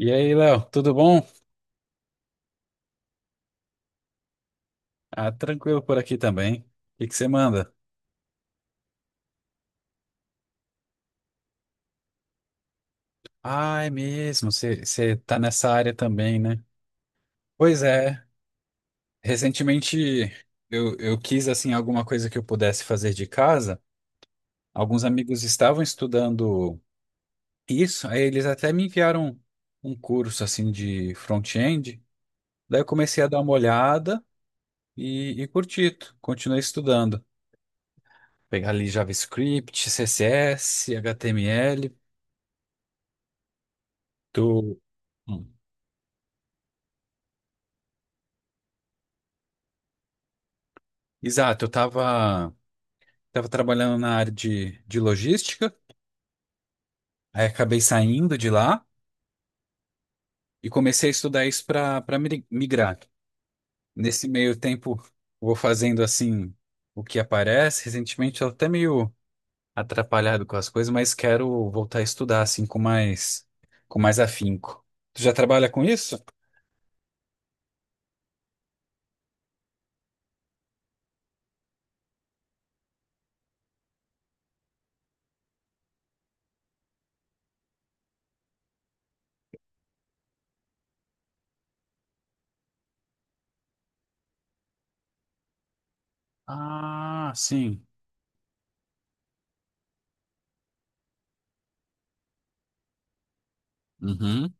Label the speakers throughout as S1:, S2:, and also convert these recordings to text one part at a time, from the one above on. S1: E aí, Léo, tudo bom? Ah, tranquilo por aqui também. O que que você manda? Ah, é mesmo, você tá nessa área também, né? Pois é, recentemente eu quis, assim, alguma coisa que eu pudesse fazer de casa. Alguns amigos estavam estudando isso, aí eles até me enviaram um curso, assim, de front-end. Daí eu comecei a dar uma olhada e curti, continuei estudando. Pegar ali JavaScript, CSS, HTML, tu... Exato, tava trabalhando na área de logística, aí acabei saindo de lá e comecei a estudar isso para migrar. Nesse meio tempo, vou fazendo assim o que aparece. Recentemente, eu até meio atrapalhado com as coisas, mas quero voltar a estudar assim com mais afinco. Tu já trabalha com isso? Ah, sim. Uhum.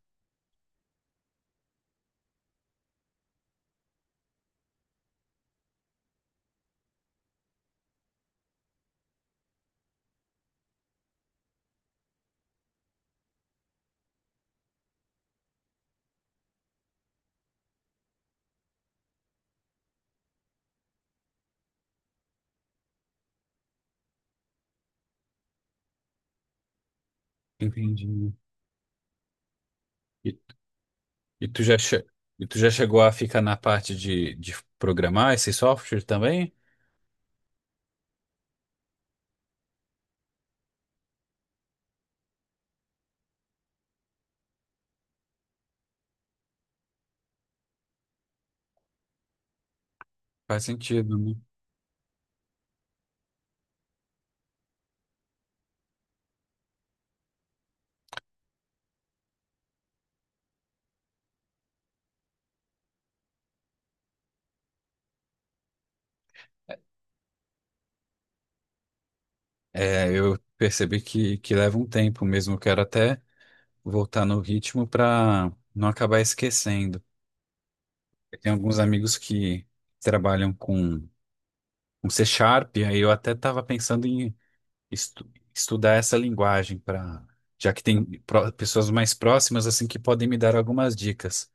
S1: Entendi. E, e tu já che- e tu já chegou a ficar na parte de programar esse software também? Faz sentido, né? É, eu percebi que leva um tempo mesmo. Eu quero até voltar no ritmo para não acabar esquecendo. Eu tenho alguns amigos que trabalham com C Sharp, aí eu até estava pensando em estudar essa linguagem para, já que tem pessoas mais próximas assim que podem me dar algumas dicas.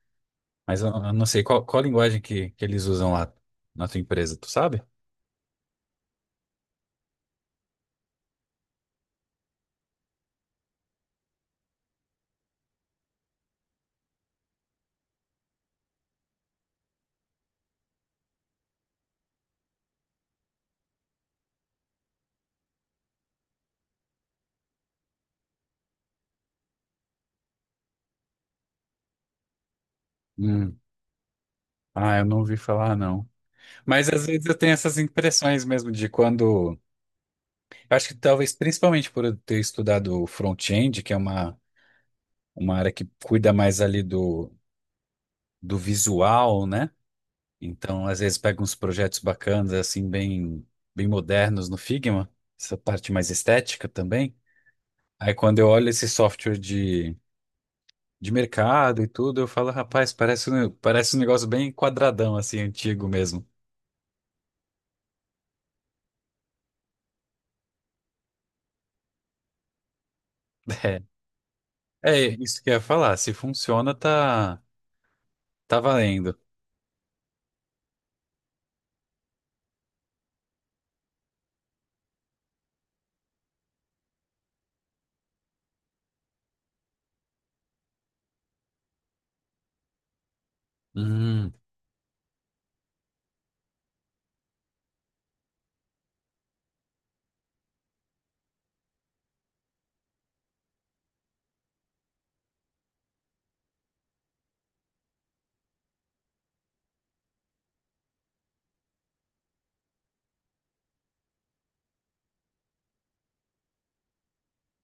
S1: Mas eu não sei qual linguagem que eles usam lá na tua empresa, tu sabe? Hum. Ah, eu não ouvi falar, não. Mas às vezes eu tenho essas impressões mesmo de quando. Eu acho que talvez principalmente por eu ter estudado front-end, que é uma área que cuida mais ali do visual, né? Então, às vezes pega uns projetos bacanas, assim, bem modernos no Figma, essa parte mais estética também. Aí quando eu olho esse software de mercado e tudo, eu falo, rapaz, parece um negócio bem quadradão, assim, antigo mesmo. É, é isso que eu ia falar. Se funciona, tá valendo. Hum.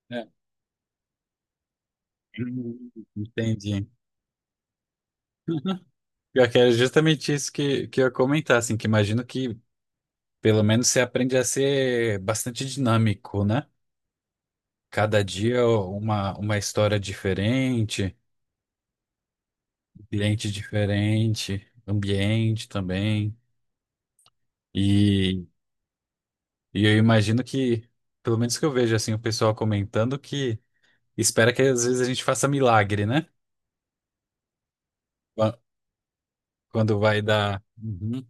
S1: É. Hum. Entendi. Pior que era justamente isso que eu ia comentar, assim, que imagino que pelo menos você aprende a ser bastante dinâmico, né? Cada dia uma história diferente, um cliente diferente, ambiente também. E, e eu imagino que, pelo menos que eu vejo, assim, o pessoal comentando que espera que às vezes a gente faça milagre, né? Qua- Quando vai dar. Uhum,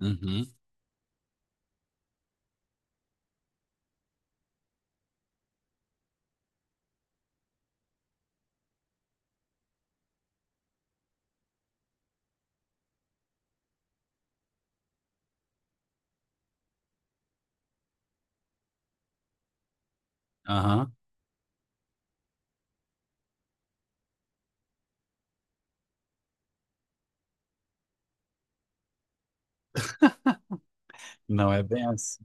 S1: uhum, aham. Não é bem assim.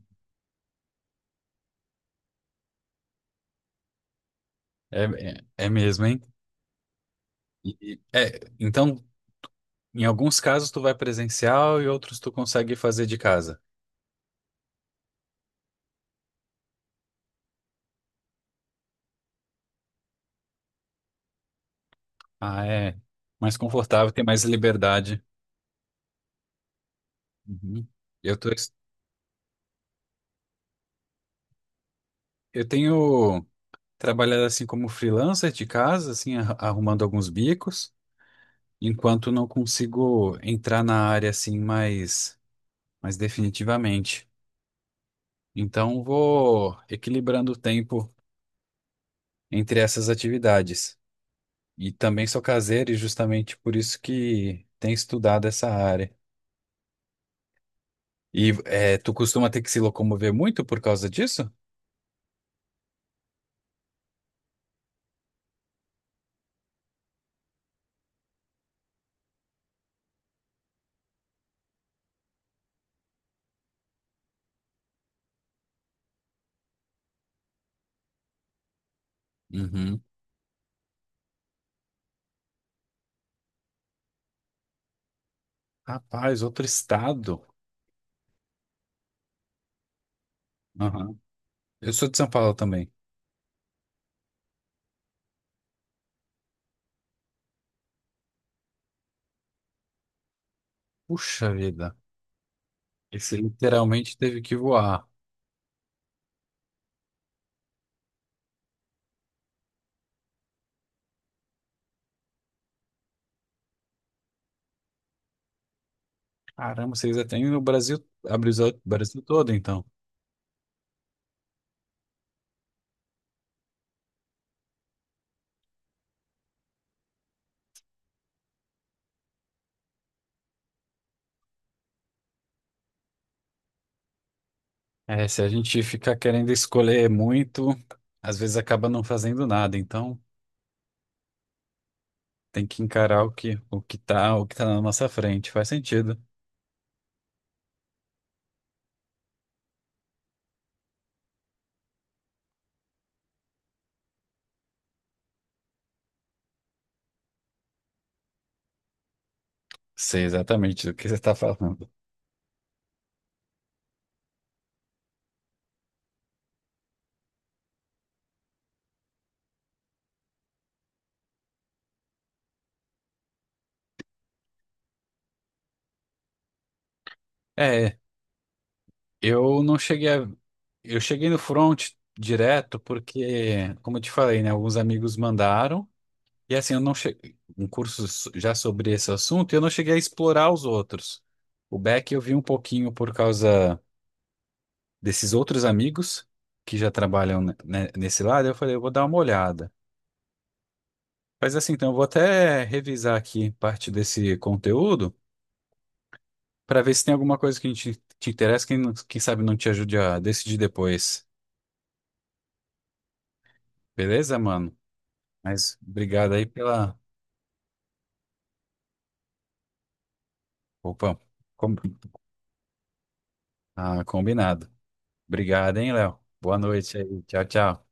S1: É, é, é mesmo, hein? Então, em alguns casos tu vai presencial e outros tu consegue fazer de casa. Ah, é mais confortável, tem mais liberdade. Uhum. Eu tô, eu tenho trabalhado assim como freelancer de casa, assim, arrumando alguns bicos, enquanto não consigo entrar na área assim mais definitivamente. Então, vou equilibrando o tempo entre essas atividades. E também sou caseiro e justamente por isso que tenho estudado essa área. E é, tu costuma ter que se locomover muito por causa disso? Uhum. Rapaz, outro estado. Aham. Eu sou de São Paulo também. Puxa vida. Esse literalmente teve que voar. Caramba, vocês já têm no Brasil, abriu o Brasil todo, então. É, se a gente fica querendo escolher muito, às vezes acaba não fazendo nada. Então, tem que encarar o que tá na nossa frente. Faz sentido. Sei exatamente do que você está falando. É, eu não cheguei a... Eu cheguei no front direto porque, como eu te falei, né, alguns amigos mandaram, e assim, eu não cheguei... Um já sobre esse assunto, e eu não cheguei a explorar os outros. O back eu vi um pouquinho por causa desses outros amigos que já trabalham nesse lado, eu falei, eu vou dar uma olhada. Mas assim, então eu vou até revisar aqui parte desse conteúdo, para ver se tem alguma coisa que a gente te interessa, quem sabe não te ajude a decidir depois. Beleza, mano? Mas obrigado aí pela. Opa, com- ah, combinado. Obrigado, hein, Léo? Boa noite aí. Tchau, tchau.